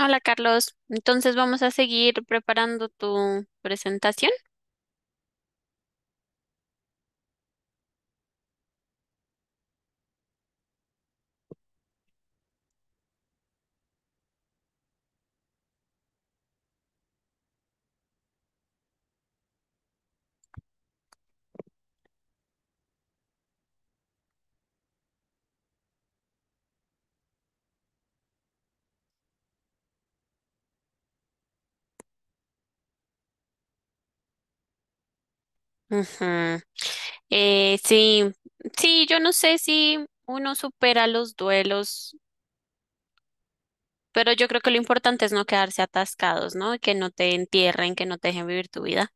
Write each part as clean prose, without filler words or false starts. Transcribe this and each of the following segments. Hola Carlos, entonces vamos a seguir preparando tu presentación. Ujú. Sí, sí, yo no sé si uno supera los duelos, pero yo creo que lo importante es no quedarse atascados, ¿no? Que no te entierren, que no te dejen vivir tu vida.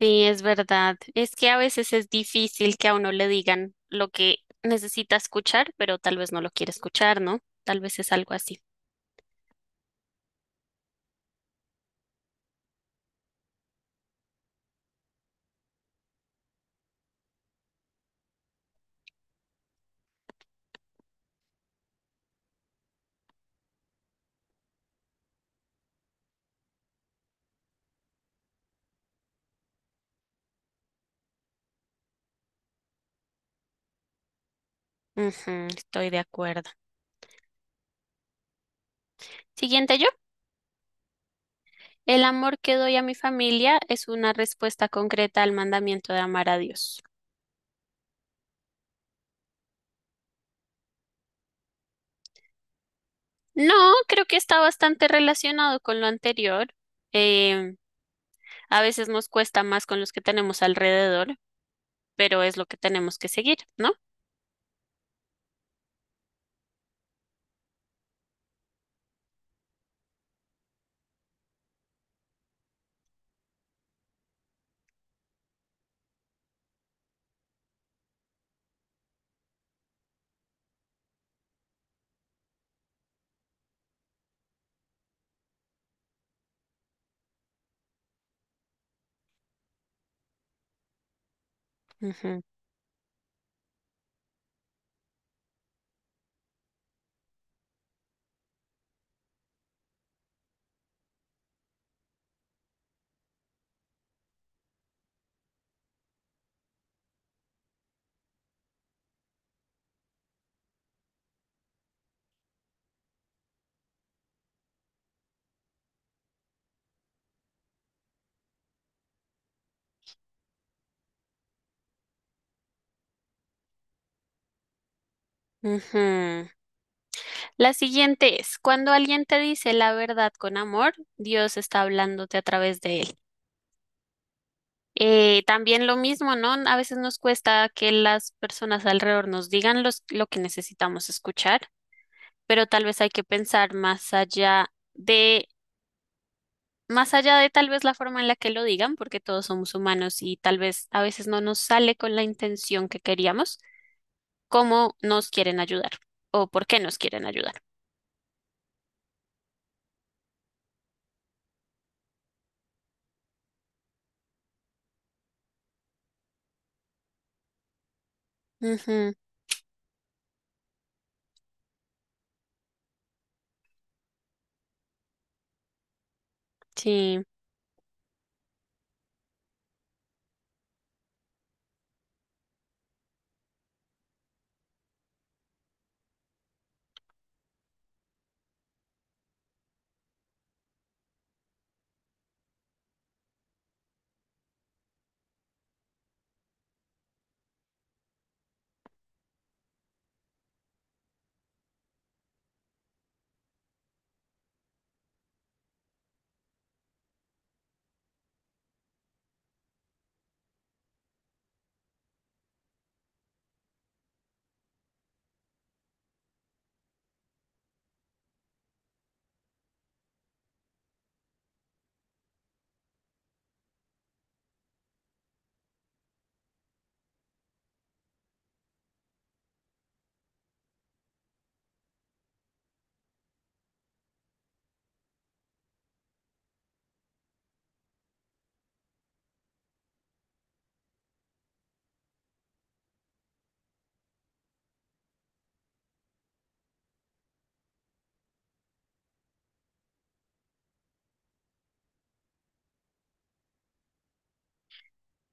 Sí, es verdad. Es que a veces es difícil que a uno le digan lo que necesita escuchar, pero tal vez no lo quiere escuchar, ¿no? Tal vez es algo así. Ujú, estoy de acuerdo. Siguiente yo. El amor que doy a mi familia es una respuesta concreta al mandamiento de amar a Dios. No, creo que está bastante relacionado con lo anterior. Eh, a veces nos cuesta más con los que tenemos alrededor, pero es lo que tenemos que seguir, ¿no? Ujú, ujú. La siguiente es, cuando alguien te dice la verdad con amor, Dios está hablándote a través de él. También lo mismo, ¿no? A veces nos cuesta que las personas alrededor nos digan los- lo que necesitamos escuchar, pero tal vez hay que pensar de, más allá de tal vez la forma en la que lo digan, porque todos somos humanos y tal vez a veces no nos sale con la intención que queríamos, cómo nos quieren ayudar o por qué nos quieren ayudar. Ujú, sí.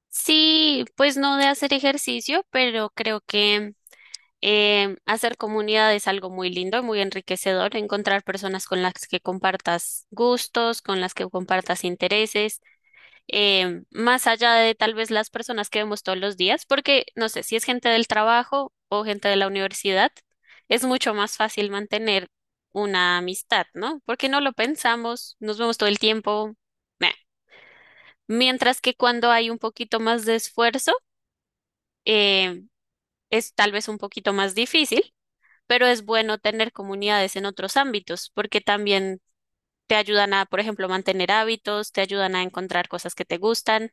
Sí, pues no de hacer ejercicio, pero creo que hacer comunidad es algo muy lindo, muy enriquecedor, encontrar personas con las que compartas gustos, con las que compartas intereses, más allá de tal vez las personas que vemos todos los días, porque no sé si es gente del trabajo o gente de la universidad, es mucho más fácil mantener una amistad, ¿no? Porque no lo pensamos, nos vemos todo el tiempo. Meh. Mientras que cuando hay un poquito más de esfuerzo, eh, es tal vez un poquito más difícil, pero es bueno tener comunidades en otros ámbitos, porque también te ayudan a, por ejemplo, mantener hábitos, te ayudan a encontrar cosas que te gustan.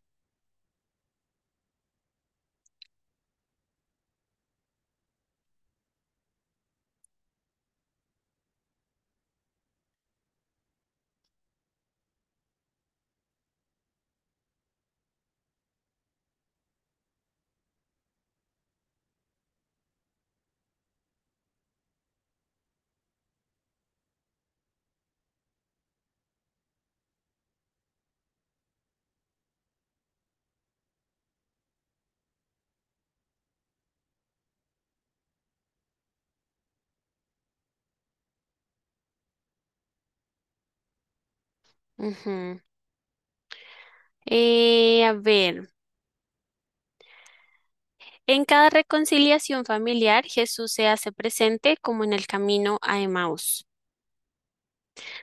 Ujú. A ver, en cada reconciliación familiar, Jesús se hace presente como en el camino a Emaús.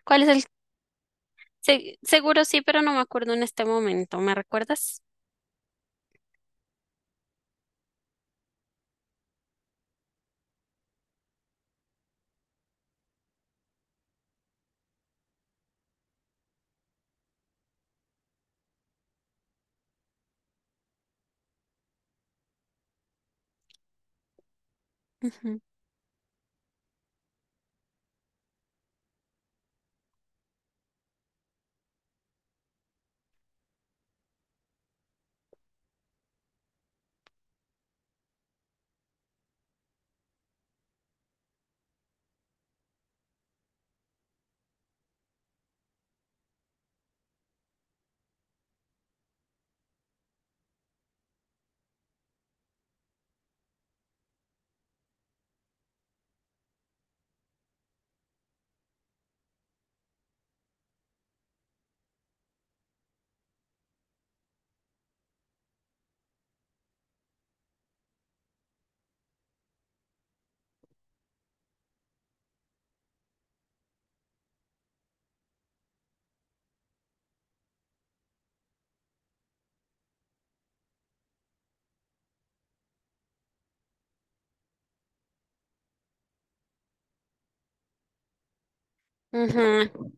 ¿Cuál es el? Se- seguro sí, pero no me acuerdo en este momento. ¿Me recuerdas? Ujú. Ujú,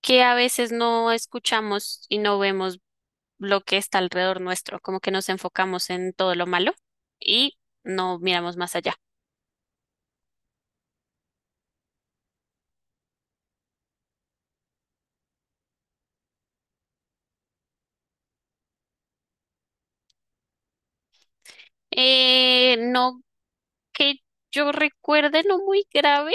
que a veces no escuchamos y no vemos lo que está alrededor nuestro, como que nos enfocamos en todo lo malo y no miramos más allá. No que yo recuerde, no muy grave,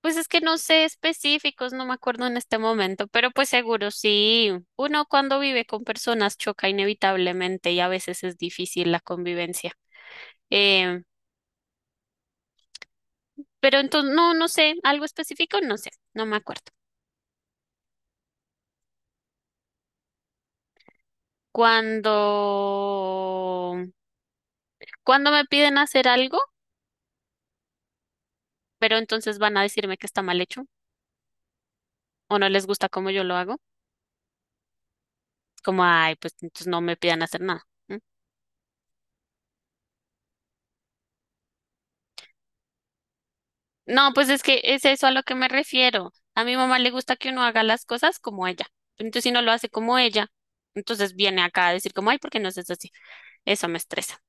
pues es que no sé específicos, no me acuerdo en este momento, pero pues seguro sí, uno cuando vive con personas choca inevitablemente y a veces es difícil la convivencia. Eh, pero entonces, no, no sé, algo específico, no sé, no me acuerdo. Cuando, Cuando me piden hacer algo, pero entonces van a decirme que está mal hecho o no les gusta como yo lo hago, como, ay, pues entonces no me pidan hacer nada. ¿Mm? No, pues es que es eso a lo que me refiero. A mi mamá le gusta que uno haga las cosas como ella. Pero entonces, si no lo hace como ella, entonces viene acá a decir como, ay, ¿por qué no haces así? Eso me estresa.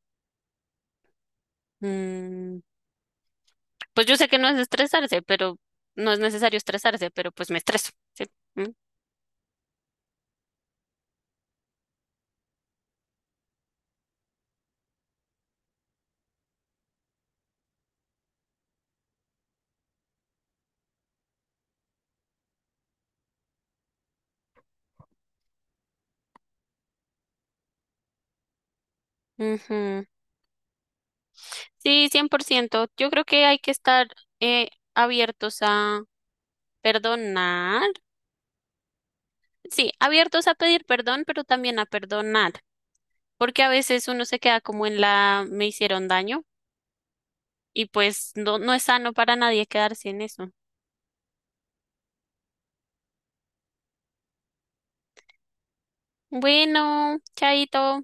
Mm, pues yo sé que no es estresarse, pero no es necesario estresarse, pero pues me estreso. ¿Sí? Mm, ujú. Sí, 100%. Yo creo que hay que estar eh, abiertos a perdonar. Sí, abiertos a pedir perdón, pero también a perdonar, porque a veces uno se queda como en la me hicieron daño y pues no, no es sano para nadie quedarse en eso. Bueno, chaito.